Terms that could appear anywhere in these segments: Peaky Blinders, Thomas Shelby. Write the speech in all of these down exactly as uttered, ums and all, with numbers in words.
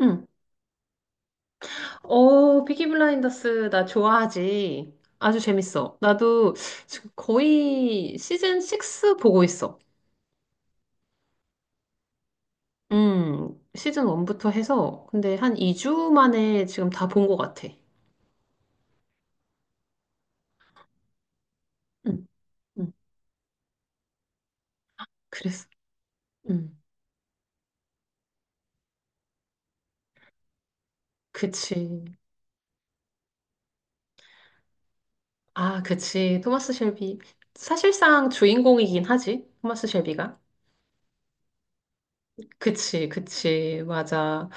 응. 어, 피키 블라인더스 나 좋아하지. 아주 재밌어. 나도 지금 거의 시즌 육 보고 있어. 음, 시즌 일부터 해서 근데 한 이 주 만에 지금 다 본 것 같아. 응, 응. 그랬어. 응. 그치. 아, 그치. 토마스 셸비. 사실상 주인공이긴 하지. 토마스 셸비가. 그치, 그치. 맞아.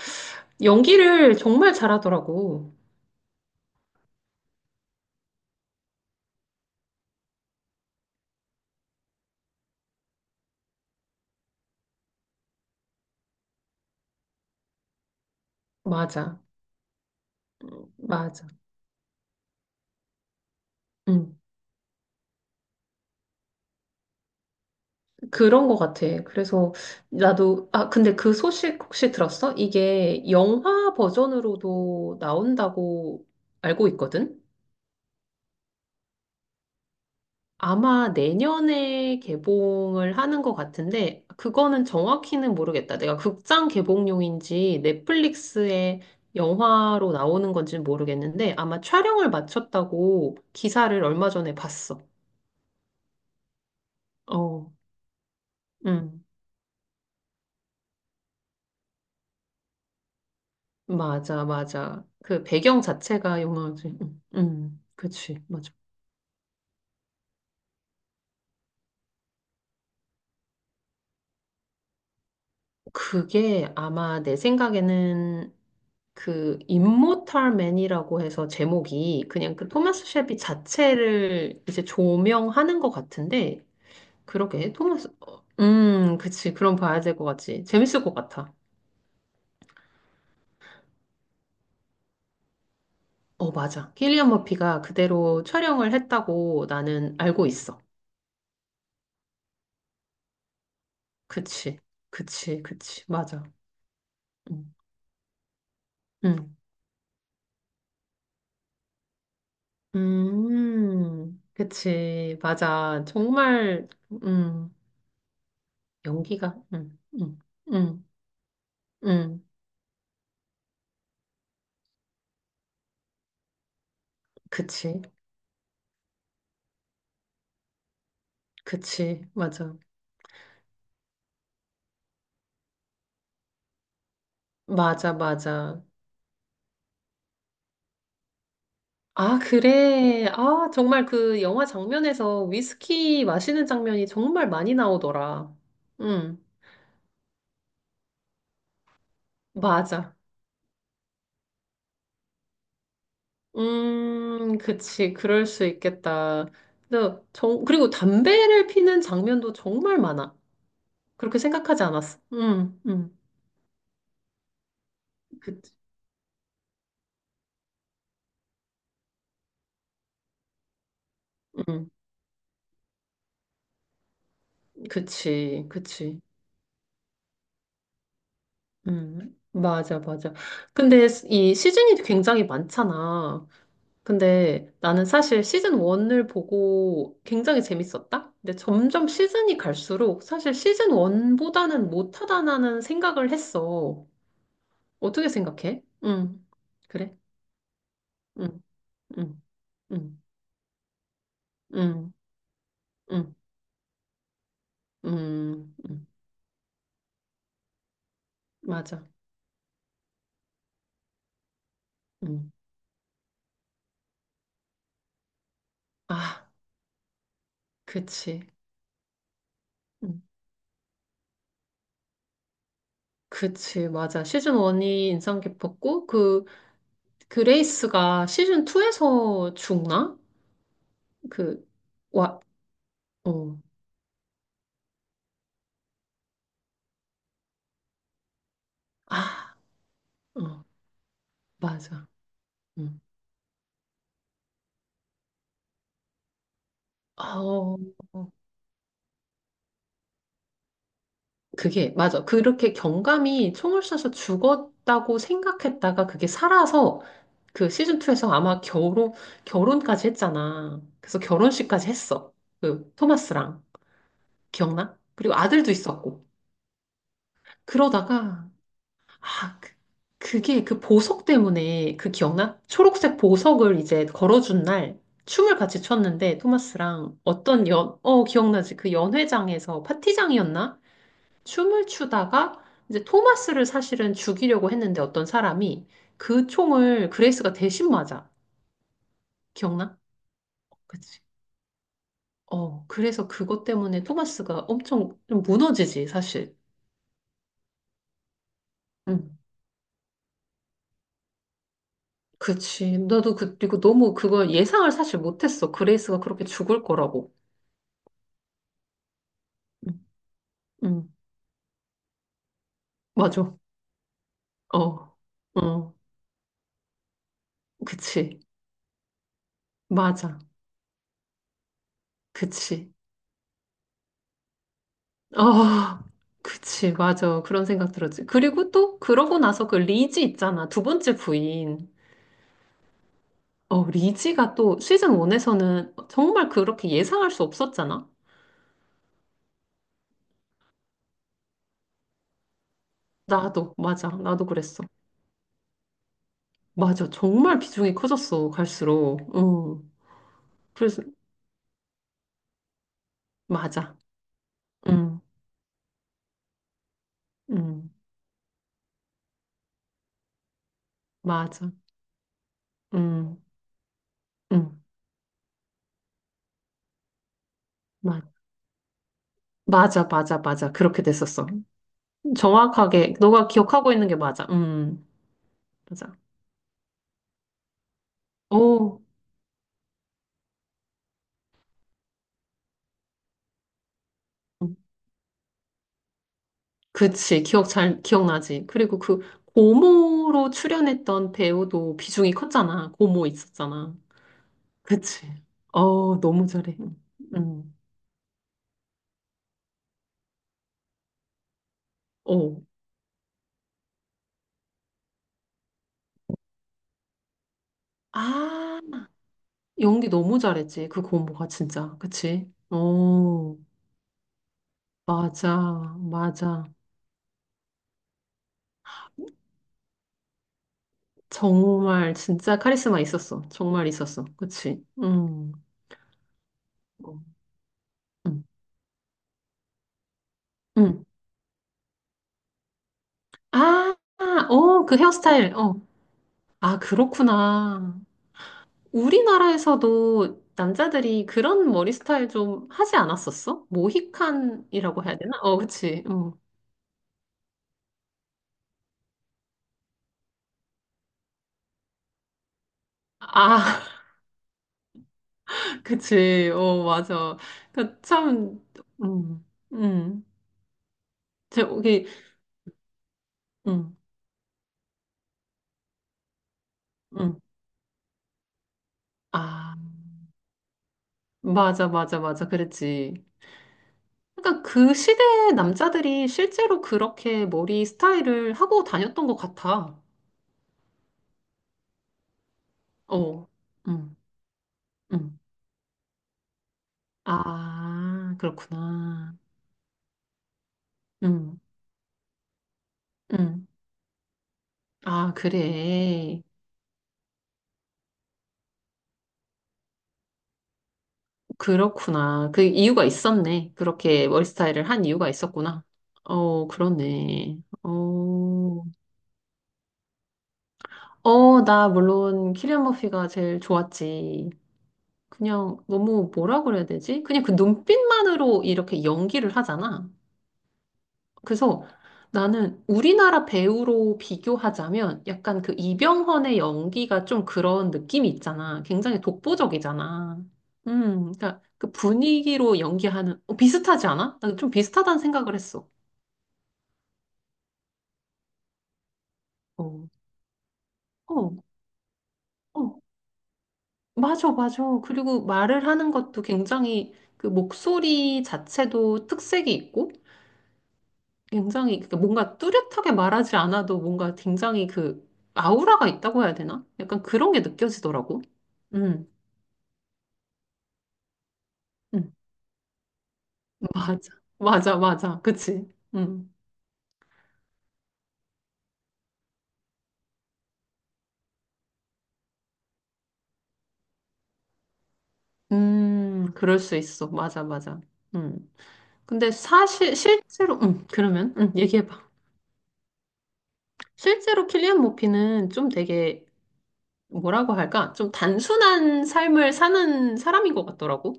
연기를 정말 잘하더라고. 맞아. 맞아. 응. 그런 것 같아. 그래서 나도, 아, 근데 그 소식 혹시 들었어? 이게 영화 버전으로도 나온다고 알고 있거든? 아마 내년에 개봉을 하는 것 같은데, 그거는 정확히는 모르겠다. 내가 극장 개봉용인지 넷플릭스에 영화로 나오는 건지는 모르겠는데, 아마 촬영을 마쳤다고 기사를 얼마 전에 봤어. 어, 음. 맞아, 맞아. 그 배경 자체가 영화지. 음, 음, 그치, 맞아. 그게 아마 내 생각에는 그 임모탈 맨이라고 해서 제목이 그냥 그 토마스 쉘비 자체를 이제 조명하는 것 같은데. 그러게. 토마스, 어, 음 그치, 그럼 봐야 될 것 같지. 재밌을 것 같아. 어, 맞아. 킬리안 머피가 그대로 촬영을 했다고 나는 알고 있어. 그치, 그치, 그치. 맞아. 음. 음. 음, 그치. 맞아. 정말, 음, 연기가, 음, 음, 음, 음, 그치. 그치. 맞아. 맞아, 맞아. 아, 그래. 아, 정말 그 영화 장면에서 위스키 마시는 장면이 정말 많이 나오더라. 음, 맞아. 음, 그치. 그럴 수 있겠다. 근데 정, 그리고 담배를 피는 장면도 정말 많아. 그렇게 생각하지 않았어, 음, 음 그치. 음. 그치, 그치. 음, 맞아, 맞아. 근데 이 시즌이 굉장히 많잖아. 근데 나는 사실 시즌 일을 보고 굉장히 재밌었다? 근데 점점 시즌이 갈수록 사실 시즌 일보다는 못하다는 생각을 했어. 어떻게 생각해? 응, 그래? 응, 응, 응, 응, 응, 응, 응, 맞아. 응. 아, 그치. 음, 그치, 맞아. 시즌 일이 인상 깊었고, 그, 그레이스가 시즌 이에서 죽나? 그, 와, 어, 아, 어, 맞아. 음. 아, 어, 어. 그게, 맞아. 그렇게 경감이 총을 쏴서 죽었다고 생각했다가 그게 살아서 그 시즌 이에서 아마 결혼, 결혼까지 했잖아. 그래서 결혼식까지 했어. 그 토마스랑. 기억나? 그리고 아들도 있었고. 그러다가 아, 그, 그게 그 보석 때문에 그 기억나? 초록색 보석을 이제 걸어준 날 춤을 같이 췄는데 토마스랑 어떤 연, 어, 기억나지? 그 연회장에서 파티장이었나? 춤을 추다가 이제 토마스를 사실은 죽이려고 했는데 어떤 사람이 그 총을 그레이스가 대신 맞아. 기억나? 그치? 어, 그래서 그것 때문에 토마스가 엄청 좀 무너지지, 사실. 응. 그치. 나도 그, 그리고 너무 그걸 예상을 사실 못했어. 그레이스가 그렇게 죽을 거라고. 음, 음, 맞아. 어, 어, 그치. 맞아. 그치. 어, 그치. 맞아. 그런 생각 들었지. 그리고 또, 그러고 나서 그 리지 있잖아. 두 번째 부인. 어, 리지가 또 시즌 일에서는 정말 그렇게 예상할 수 없었잖아. 나도, 맞아. 나도 그랬어. 맞아. 정말 비중이 커졌어. 갈수록. 응. 그래서, 맞아. 응, 응, 맞아. 응, 응. 맞아. 맞아, 맞아, 맞아. 그렇게 됐었어. 정확하게 너가 기억하고 있는 게 맞아. 음, 맞아. 오, 음, 그치. 기억 잘 기억나지. 그리고 그 고모로 출연했던 배우도 비중이 컸잖아. 고모 있었잖아. 그치. 어, 너무 잘해. 음, 오. 아, 연기 너무 잘했지. 그 고모가 진짜. 그치? 오, 맞아, 맞아. 정말 진짜 카리스마 있었어. 정말 있었어. 그치? 음, 어, 음, 음. 아, 어, 그 헤어스타일. 어. 아, 그렇구나. 우리나라에서도 남자들이 그런 머리 스타일 좀 하지 않았었어? 모히칸이라고 해야 되나? 어, 그치. 어. 아, 그치. 어, 맞아. 그 참, 음, 음. 저기, 음, 음. 아, 맞아, 맞아, 맞아. 그랬지. 그러니까 그 시대의 남자들이 실제로 그렇게 머리 스타일을 하고 다녔던 것 같아. 어. 음. 음. 아, 그렇구나. 응, 응. 아, 그래. 그렇구나. 그 이유가 있었네. 그렇게 머리 스타일을 한 이유가 있었구나. 어, 그렇네. 어, 어, 나 물론 키리안 머피가 제일 좋았지. 그냥 너무 뭐라 그래야 되지? 그냥 그 눈빛만으로 이렇게 연기를 하잖아. 그래서 나는 우리나라 배우로 비교하자면 약간 그 이병헌의 연기가 좀 그런 느낌이 있잖아. 굉장히 독보적이잖아. 음, 그러니까 그 분위기로 연기하는 어, 비슷하지 않아? 난 좀 비슷하다는 생각을 했어. 어, 어, 어, 맞아, 맞아. 그리고 말을 하는 것도 굉장히 그 목소리 자체도 특색이 있고. 굉장히 그러니까 뭔가 뚜렷하게 말하지 않아도 뭔가 굉장히 그 아우라가 있다고 해야 되나? 약간 그런 게 느껴지더라고. 음, 음, 맞아, 맞아, 맞아, 그치? 음, 음, 그럴 수 있어, 맞아, 맞아. 음, 근데 사실 실제로, 음, 그러면, 음, 얘기해봐. 실제로 킬리안 모피는 좀 되게 뭐라고 할까? 좀 단순한 삶을 사는 사람인 것 같더라고.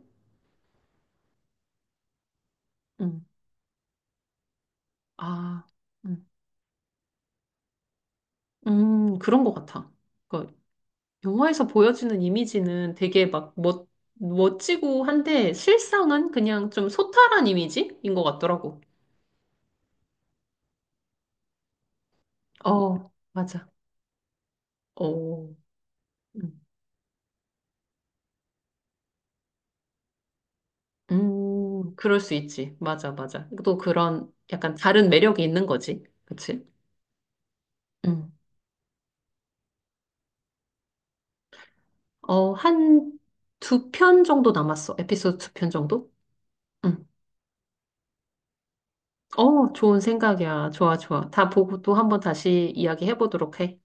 음, 아, 음, 음, 그런 것 같아. 그러니까 영화에서 보여주는 이미지는 되게 막 멋, 멋지고 한데 실상은 그냥 좀 소탈한 이미지인 것 같더라고. 어, 맞아. 어, 음, 음, 그럴 수 있지. 맞아, 맞아. 또 그런 약간 다른 매력이 있는 거지. 그치? 음. 어, 한 두 편 정도 남았어. 에피소드 두 편 정도? 음. 어, 좋은 생각이야. 좋아, 좋아. 다 보고 또 한번 다시 이야기해 보도록 해.